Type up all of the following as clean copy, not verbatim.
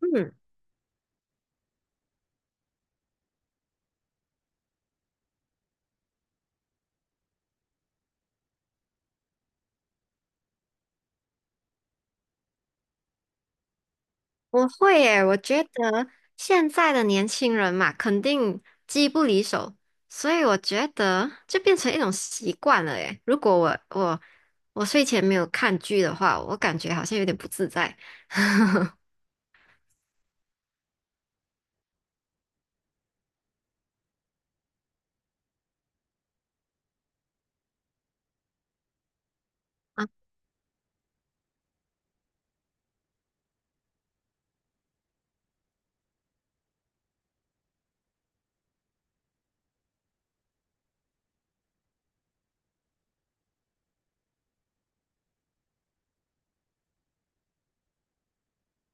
嗯，我会诶。我觉得现在的年轻人嘛，肯定机不离手，所以我觉得就变成一种习惯了诶。如果我睡前没有看剧的话，我感觉好像有点不自在啊。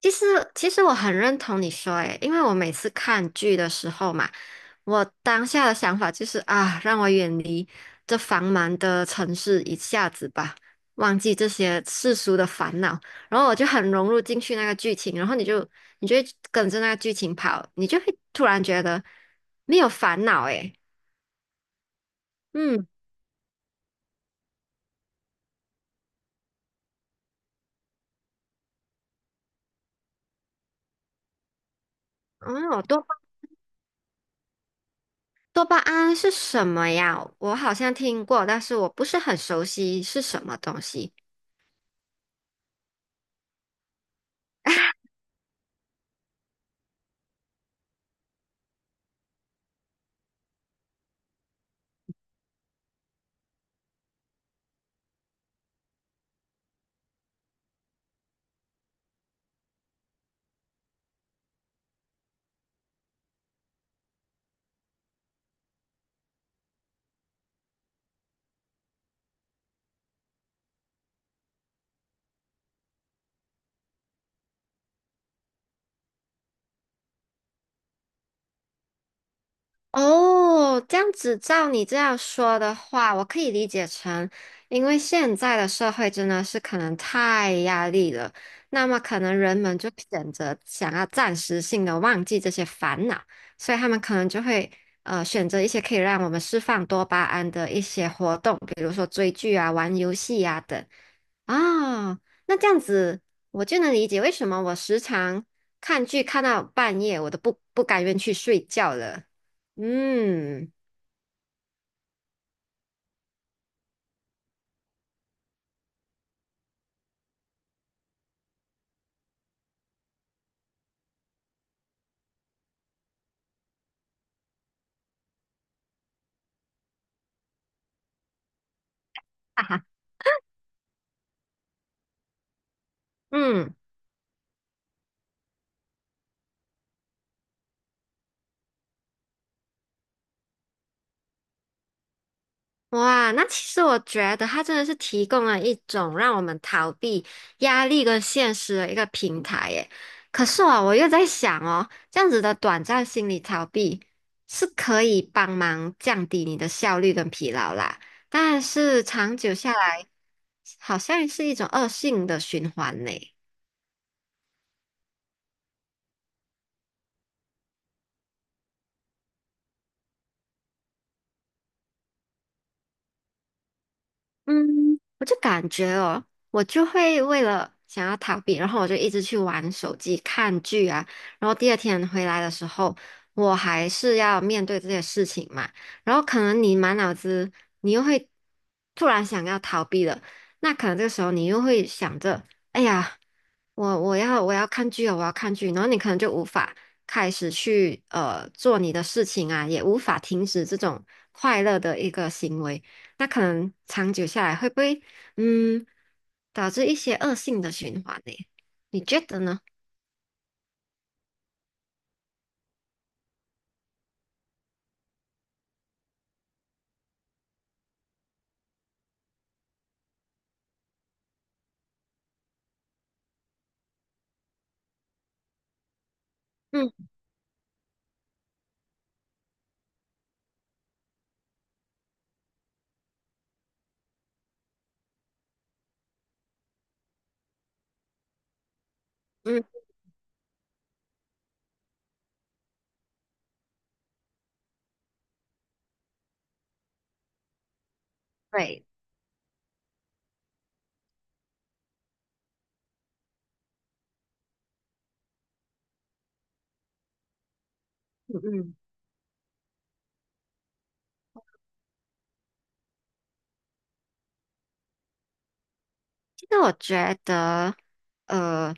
其实其实我很认同你说，诶，因为我每次看剧的时候嘛。我当下的想法就是啊，让我远离这繁忙的城市一下子吧，忘记这些世俗的烦恼，然后我就很融入进去那个剧情，然后你会跟着那个剧情跑，你就会突然觉得没有烦恼诶。嗯。哦，多巴胺是什么呀？我好像听过，但是我不是很熟悉是什么东西。哦，这样子照你这样说的话，我可以理解成，因为现在的社会真的是可能太压力了，那么可能人们就选择想要暂时性的忘记这些烦恼，所以他们可能就会选择一些可以让我们释放多巴胺的一些活动，比如说追剧啊、玩游戏啊等。啊，那这样子我就能理解为什么我时常看剧看到半夜，我都不甘愿去睡觉了。嗯。哈哈。嗯。哇，那其实我觉得它真的是提供了一种让我们逃避压力跟现实的一个平台耶。可是啊，我又在想哦，这样子的短暂心理逃避是可以帮忙降低你的效率跟疲劳啦，但是长久下来，好像是一种恶性的循环呢。嗯，我就感觉哦，我就会为了想要逃避，然后我就一直去玩手机、看剧啊。然后第二天回来的时候，我还是要面对这些事情嘛。然后可能你满脑子，你又会突然想要逃避了，那可能这个时候你又会想着，哎呀，我要看剧哦，我要看剧。然后你可能就无法开始去做你的事情啊，也无法停止这种快乐的一个行为。那可能长久下来会不会嗯导致一些恶性的循环呢？你觉得呢？嗯嗯。对。嗯嗯。那我觉得，呃，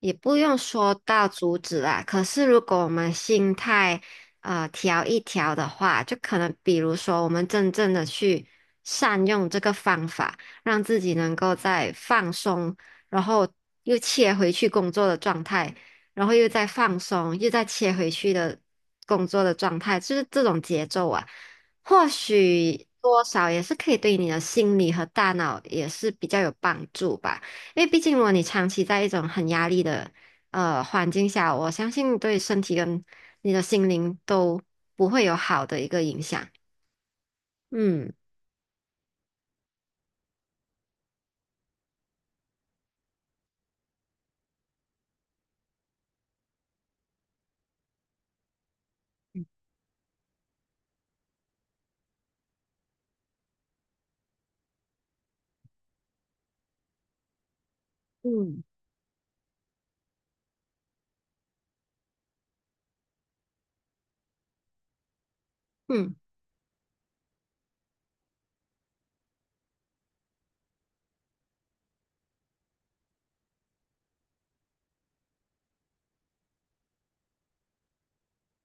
也不用说到阻止啦。可是如果我们心态调一调的话，就可能比如说我们真正的去善用这个方法，让自己能够在放松，然后又切回去工作的状态，然后又再放松，又再切回去的工作的状态，就是这种节奏啊。或许多少也是可以对你的心理和大脑也是比较有帮助吧，因为毕竟如果你长期在一种很压力的环境下，我相信对身体跟你的心灵都不会有好的一个影响。嗯嗯。嗯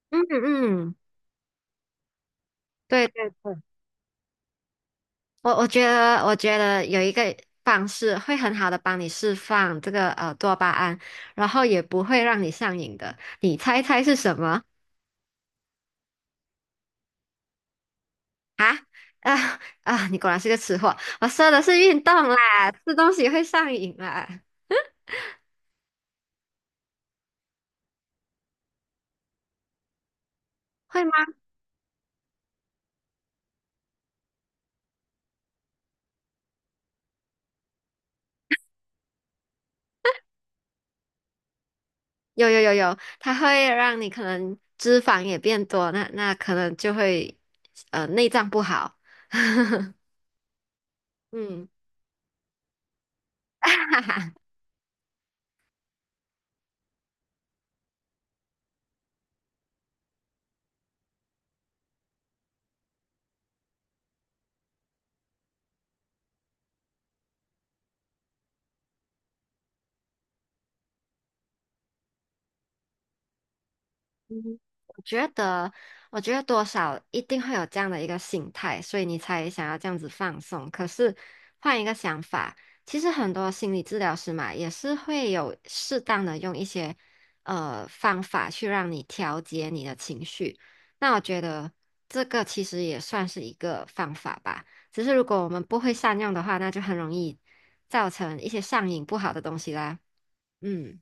嗯。嗯。对对对。我觉得有一个方式会很好的帮你释放这个多巴胺，然后也不会让你上瘾的，你猜猜是什么？啊。啊，你果然是个吃货。我说的是运动啦，吃东西会上瘾啦。会吗？有有有有，它会让你可能脂肪也变多，那可能就会内脏不好。嗯。嗯，我觉得，我觉得多少一定会有这样的一个心态，所以你才想要这样子放松。可是换一个想法，其实很多心理治疗师嘛，也是会有适当的用一些方法去让你调节你的情绪。那我觉得这个其实也算是一个方法吧。只是如果我们不会善用的话，那就很容易造成一些上瘾不好的东西啦。嗯。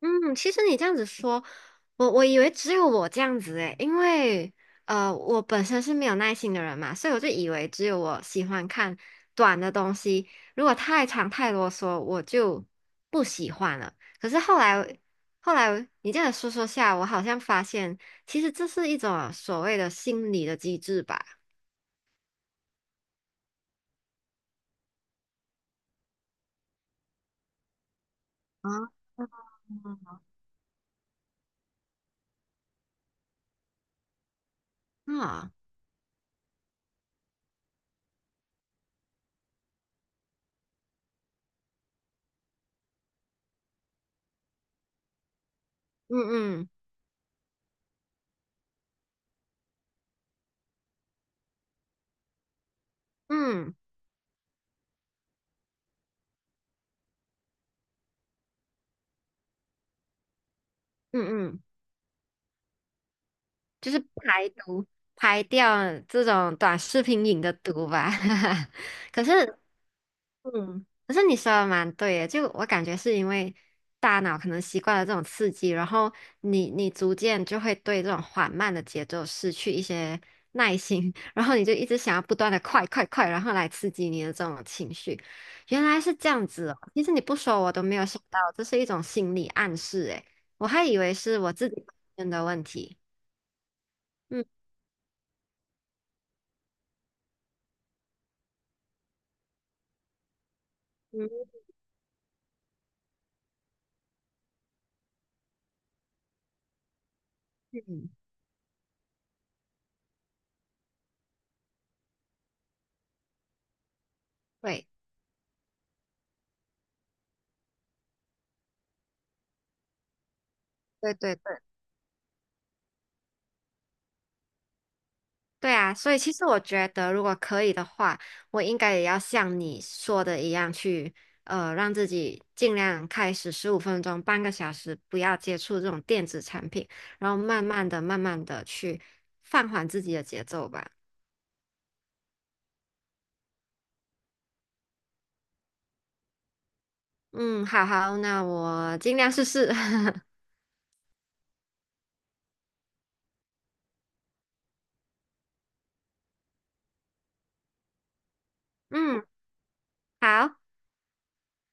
嗯，其实你这样子说，我以为只有我这样子诶。因为我本身是没有耐心的人嘛，所以我就以为只有我喜欢看短的东西。如果太长太啰嗦，我就不喜欢了。可是后来你这样说说下，我好像发现，其实这是一种所谓的心理的机制吧。啊。啊。嗯嗯嗯嗯嗯。就是排毒，排掉这种短视频瘾的毒吧。可是，嗯，可是你说的蛮对的，就我感觉是因为大脑可能习惯了这种刺激，然后你逐渐就会对这种缓慢的节奏失去一些耐心，然后你就一直想要不断的快快快，然后来刺激你的这种情绪。原来是这样子哦，其实你不说我都没有想到，这是一种心理暗示诶。我还以为是我自己本身的问题。嗯嗯。嗯，对对对对。对啊，所以其实我觉得，如果可以的话，我应该也要像你说的一样去，呃，让自己尽量开始15分钟、半个小时，不要接触这种电子产品，然后慢慢的、慢慢的去放缓自己的节奏吧。嗯，好好，那我尽量试试。嗯，好。